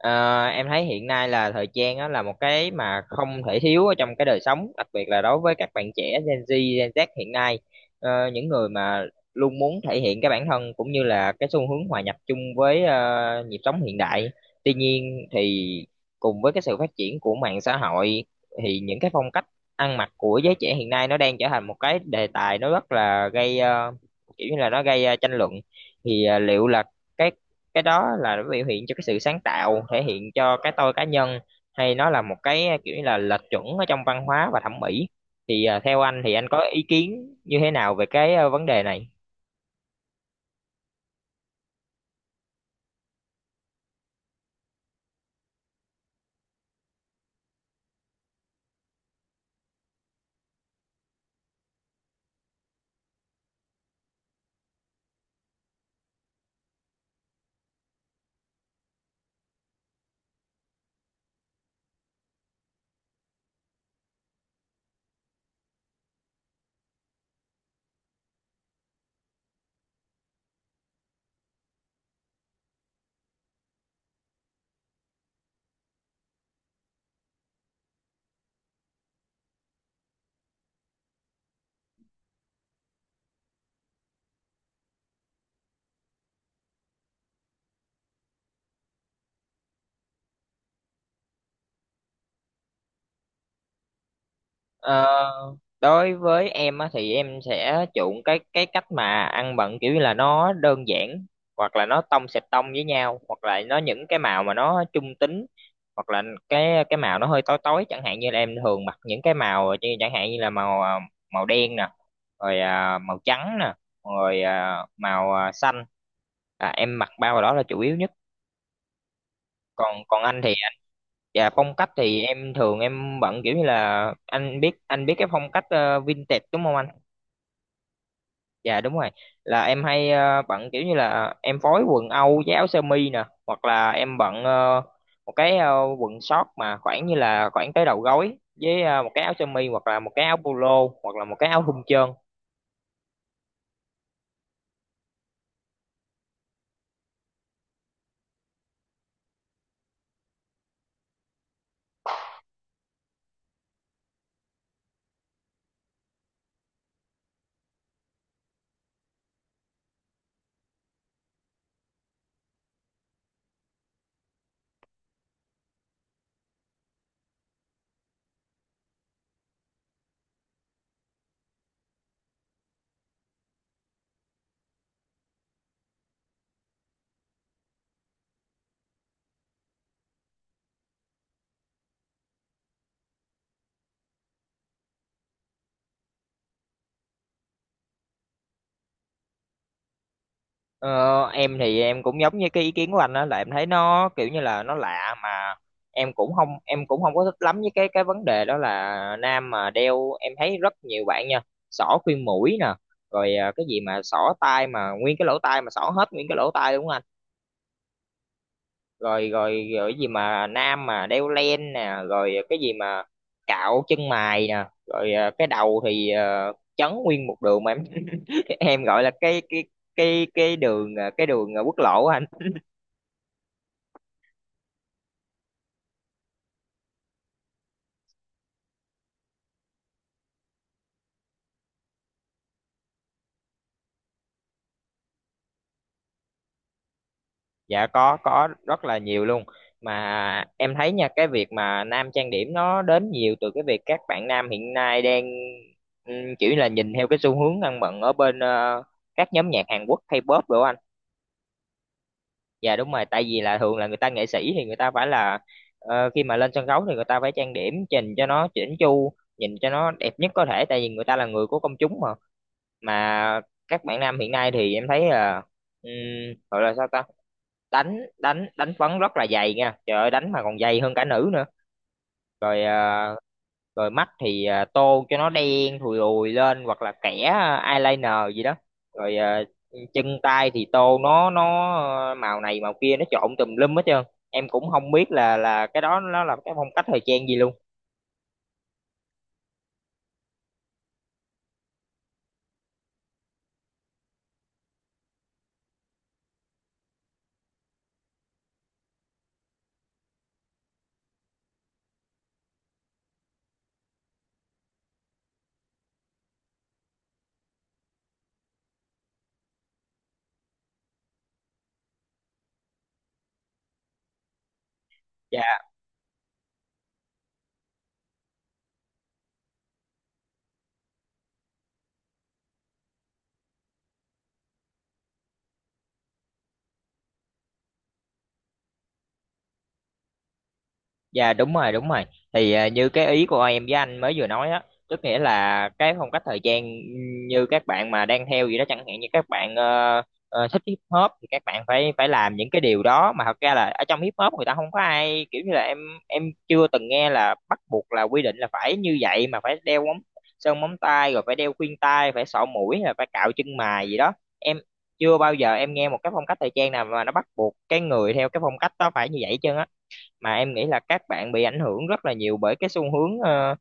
Ờ, em thấy hiện nay là thời trang á, là một cái mà không thể thiếu ở trong cái đời sống, đặc biệt là đối với các bạn trẻ Gen Z hiện nay, những người mà luôn muốn thể hiện cái bản thân cũng như là cái xu hướng hòa nhập chung với nhịp sống hiện đại. Tuy nhiên thì cùng với cái sự phát triển của mạng xã hội thì những cái phong cách ăn mặc của giới trẻ hiện nay nó đang trở thành một cái đề tài nó rất là gây kiểu như là nó gây tranh luận. Thì liệu là cái cái đó là nó biểu hiện cho cái sự sáng tạo, thể hiện cho cái tôi cá nhân, hay nó là một cái kiểu như là lệch chuẩn ở trong văn hóa và thẩm mỹ, thì theo anh thì anh có ý kiến như thế nào về cái vấn đề này? Ờ, Đối với em á, thì em sẽ chuộng cái cách mà ăn bận kiểu như là nó đơn giản, hoặc là nó tông sệt tông với nhau, hoặc là nó những cái màu mà nó trung tính, hoặc là cái màu nó hơi tối tối, chẳng hạn như là em thường mặc những cái màu như- chẳng hạn như là màu màu đen nè, rồi màu trắng nè, rồi màu xanh. Em mặc ba màu đó là chủ yếu nhất. Còn còn anh thì. Dạ, phong cách thì em thường bận kiểu như là anh biết cái phong cách vintage, đúng không anh? Dạ đúng rồi, là em hay bận kiểu như là em phối quần âu với áo sơ mi nè, hoặc là em bận một cái quần short mà khoảng như là khoảng tới đầu gối, với một cái áo sơ mi hoặc là một cái áo polo hoặc là một cái áo thun trơn. Ờ, em thì em cũng giống như cái ý kiến của anh, đó là em thấy nó kiểu như là nó lạ, mà em cũng không có thích lắm với cái vấn đề đó là nam mà đeo, em thấy rất nhiều bạn nha, xỏ khuyên mũi nè, rồi cái gì mà xỏ tai mà nguyên cái lỗ tai mà xỏ hết nguyên cái lỗ tai, đúng không anh? Rồi rồi rồi cái gì mà nam mà đeo len nè, rồi cái gì mà cạo chân mày nè, rồi cái đầu thì chấn nguyên một đường mà em em gọi là cái đường cái đường quốc lộ á anh. Dạ có rất là nhiều luôn, mà em thấy nha, cái việc mà nam trang điểm nó đến nhiều từ cái việc các bạn nam hiện nay đang kiểu như là nhìn theo cái xu hướng ăn bận ở bên các nhóm nhạc Hàn Quốc K-pop đồ anh. Dạ đúng rồi, tại vì là thường là người ta nghệ sĩ thì người ta phải là, khi mà lên sân khấu thì người ta phải trang điểm chỉnh cho nó chỉnh chu, nhìn cho nó đẹp nhất có thể, tại vì người ta là người của công chúng, mà các bạn nam hiện nay thì em thấy là, ừm, gọi là sao ta, đánh đánh đánh phấn rất là dày nha, trời ơi đánh mà còn dày hơn cả nữ nữa, rồi rồi mắt thì tô cho nó đen thùi lùi lên, hoặc là kẻ eyeliner gì đó, rồi chân tay thì tô nó màu này màu kia, nó trộn tùm lum hết trơn, em cũng không biết là cái đó nó là cái phong cách thời trang gì luôn. Dạ. Dạ đúng rồi, đúng rồi, thì như cái ý của em với anh mới vừa nói á, tức nghĩa là cái phong cách thời trang như các bạn mà đang theo gì đó, chẳng hạn như các bạn thích hip hop thì các bạn phải phải làm những cái điều đó, mà thật ra là ở trong hip hop người ta không có ai kiểu như là, em chưa từng nghe là bắt buộc là quy định là phải như vậy, mà phải đeo móng, sơn móng tay, rồi phải đeo khuyên tai, phải sọ mũi, là phải cạo chân mày gì đó. Em chưa bao giờ em nghe một cái phong cách thời trang nào mà nó bắt buộc cái người theo cái phong cách đó phải như vậy chứ. Mà em nghĩ là các bạn bị ảnh hưởng rất là nhiều bởi cái xu hướng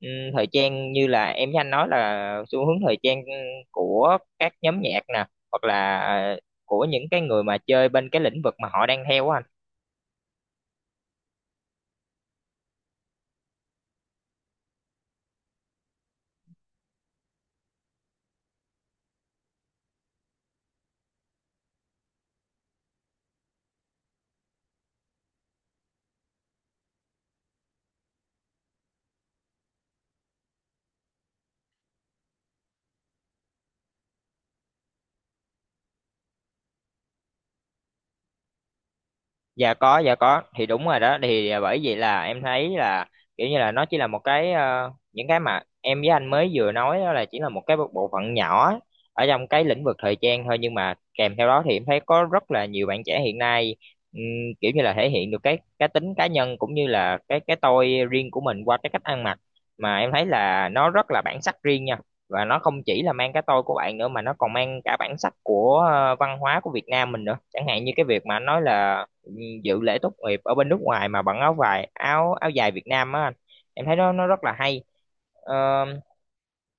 ừm, thời trang, như là em với anh nói là xu hướng thời trang của các nhóm nhạc nè, hoặc là của những cái người mà chơi bên cái lĩnh vực mà họ đang theo á anh. Dạ có, dạ có, thì đúng rồi đó, thì bởi vậy là em thấy là kiểu như là nó chỉ là một cái, những cái mà em với anh mới vừa nói đó là chỉ là một cái bộ bộ phận nhỏ ở trong cái lĩnh vực thời trang thôi. Nhưng mà kèm theo đó thì em thấy có rất là nhiều bạn trẻ hiện nay, ừm, kiểu như là thể hiện được cái tính cá nhân, cũng như là cái tôi riêng của mình qua cái cách ăn mặc, mà em thấy là nó rất là bản sắc riêng nha. Và nó không chỉ là mang cái tôi của bạn nữa, mà nó còn mang cả bản sắc của văn hóa của Việt Nam mình nữa, chẳng hạn như cái việc mà anh nói là dự lễ tốt nghiệp ở bên nước ngoài mà bằng áo vải áo áo dài Việt Nam á anh, em thấy nó rất là hay. Ờ,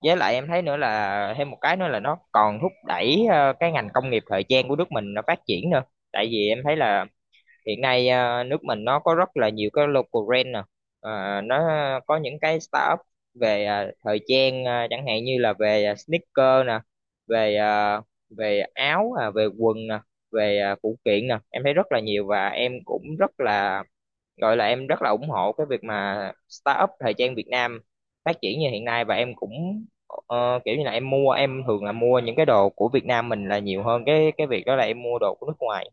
với lại em thấy nữa là thêm một cái nữa là nó còn thúc đẩy cái ngành công nghiệp thời trang của nước mình nó phát triển nữa. Tại vì em thấy là hiện nay nước mình nó có rất là nhiều cái local brand nè. Nó có những cái startup về thời trang, chẳng hạn như là về sneaker nè, về à, về áo, về quần nè, về phụ kiện nè, em thấy rất là nhiều. Và em cũng rất là, gọi là em rất là ủng hộ cái việc mà startup thời trang Việt Nam phát triển như hiện nay, và em cũng kiểu như là em mua em thường là mua những cái đồ của Việt Nam mình là nhiều hơn cái việc đó là em mua đồ của nước ngoài.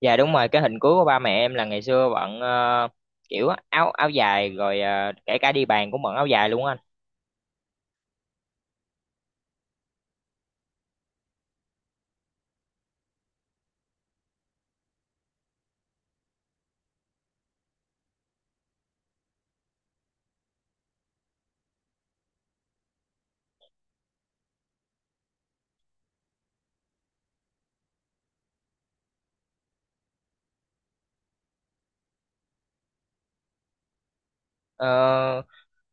Dạ đúng rồi, cái hình cuối của ba mẹ em là ngày xưa bận kiểu áo áo dài, rồi kể cả đi bàn cũng bận áo dài luôn á anh. Ờ,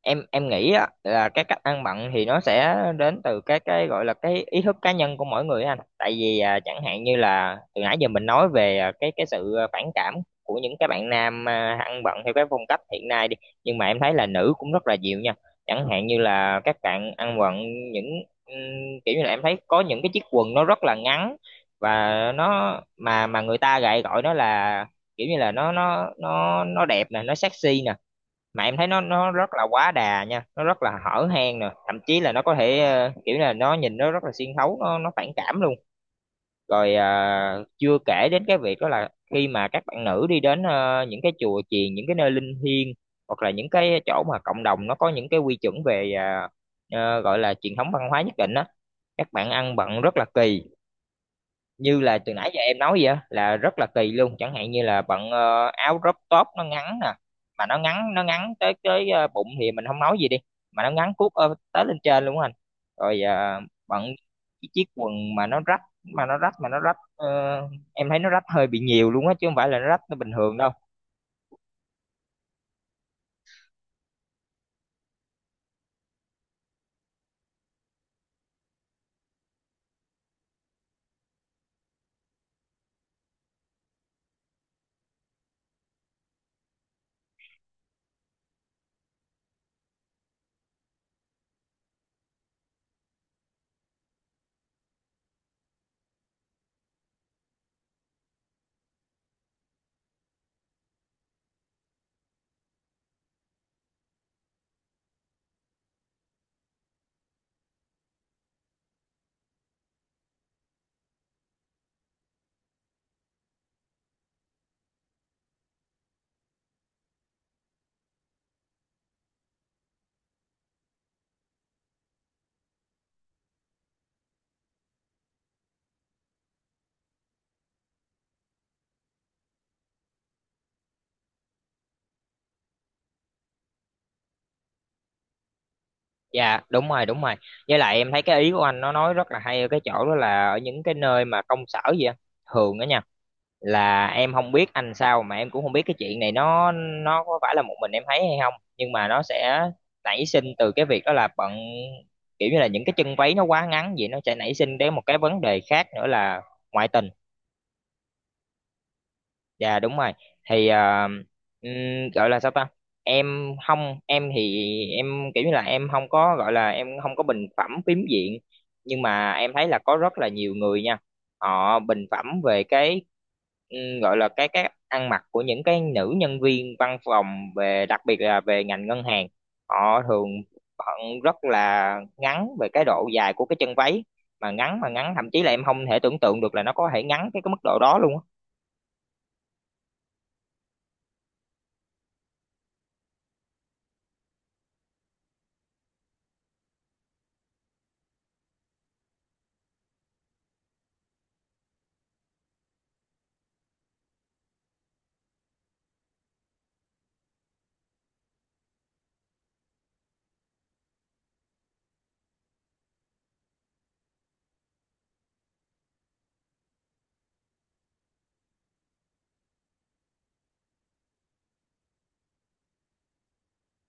em nghĩ á, là cái cách ăn bận thì nó sẽ đến từ cái gọi là cái ý thức cá nhân của mỗi người anh, tại vì chẳng hạn như là từ nãy giờ mình nói về cái sự phản cảm của những cái bạn nam ăn bận theo cái phong cách hiện nay đi, nhưng mà em thấy là nữ cũng rất là nhiều nha. Chẳng hạn như là các bạn ăn bận những, kiểu như là em thấy có những cái chiếc quần nó rất là ngắn, và nó mà người ta lại gọi nó là kiểu như là nó đẹp nè, nó sexy nè, mà em thấy nó rất là quá đà nha, nó rất là hở hang nè, thậm chí là nó có thể kiểu là nó nhìn nó rất là xuyên thấu, nó phản cảm luôn. Rồi chưa kể đến cái việc đó là khi mà các bạn nữ đi đến những cái chùa chiền, những cái nơi linh thiêng, hoặc là những cái chỗ mà cộng đồng nó có những cái quy chuẩn về gọi là truyền thống văn hóa nhất định á, các bạn ăn bận rất là kỳ, như là từ nãy giờ em nói vậy á, là rất là kỳ luôn. Chẳng hạn như là bận áo crop top nó ngắn nè, mà nó ngắn tới tới bụng thì mình không nói gì đi, mà nó ngắn cuốc tới lên trên luôn á anh. Rồi bận cái chiếc quần mà nó rách em thấy nó rách hơi bị nhiều luôn á, chứ không phải là nó rách nó bình thường đâu. Dạ đúng rồi, đúng rồi, với lại em thấy cái ý của anh nó nói rất là hay ở cái chỗ đó là ở những cái nơi mà công sở vậy á, thường á nha, là em không biết anh sao mà em cũng không biết cái chuyện này nó có phải là một mình em thấy hay không, nhưng mà nó sẽ nảy sinh từ cái việc đó là bận kiểu như là những cái chân váy nó quá ngắn vậy, nó sẽ nảy sinh đến một cái vấn đề khác nữa là ngoại tình. Dạ đúng rồi. Thì gọi là sao ta? Em không, em thì em kiểu như là em không có, gọi là em không có bình phẩm phím diện, nhưng mà em thấy là có rất là nhiều người nha. Họ bình phẩm về cái, gọi là cái ăn mặc của những cái nữ nhân viên văn phòng, về đặc biệt là về ngành ngân hàng. Họ thường bận rất là ngắn về cái độ dài của cái chân váy, mà ngắn thậm chí là em không thể tưởng tượng được là nó có thể ngắn cái mức độ đó luôn á.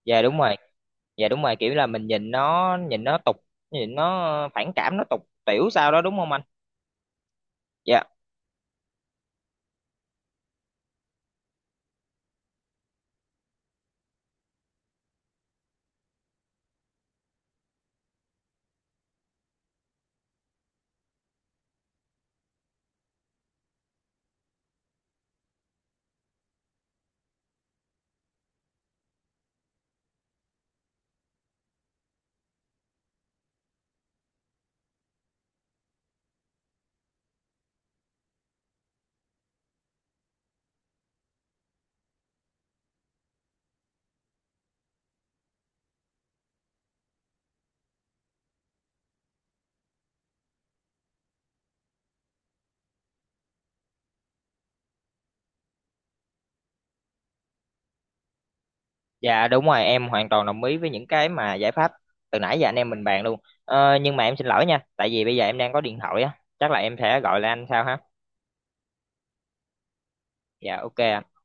Dạ đúng rồi. Dạ đúng rồi, kiểu là mình nhìn nó tục, nhìn nó phản cảm, nó tục tiểu sao đó, đúng không anh? Dạ. Dạ đúng rồi, em hoàn toàn đồng ý với những cái mà giải pháp từ nãy giờ anh em mình bàn luôn. Ờ, nhưng mà em xin lỗi nha, tại vì bây giờ em đang có điện thoại á, chắc là em sẽ gọi lại anh sau ha. Dạ ok ạ.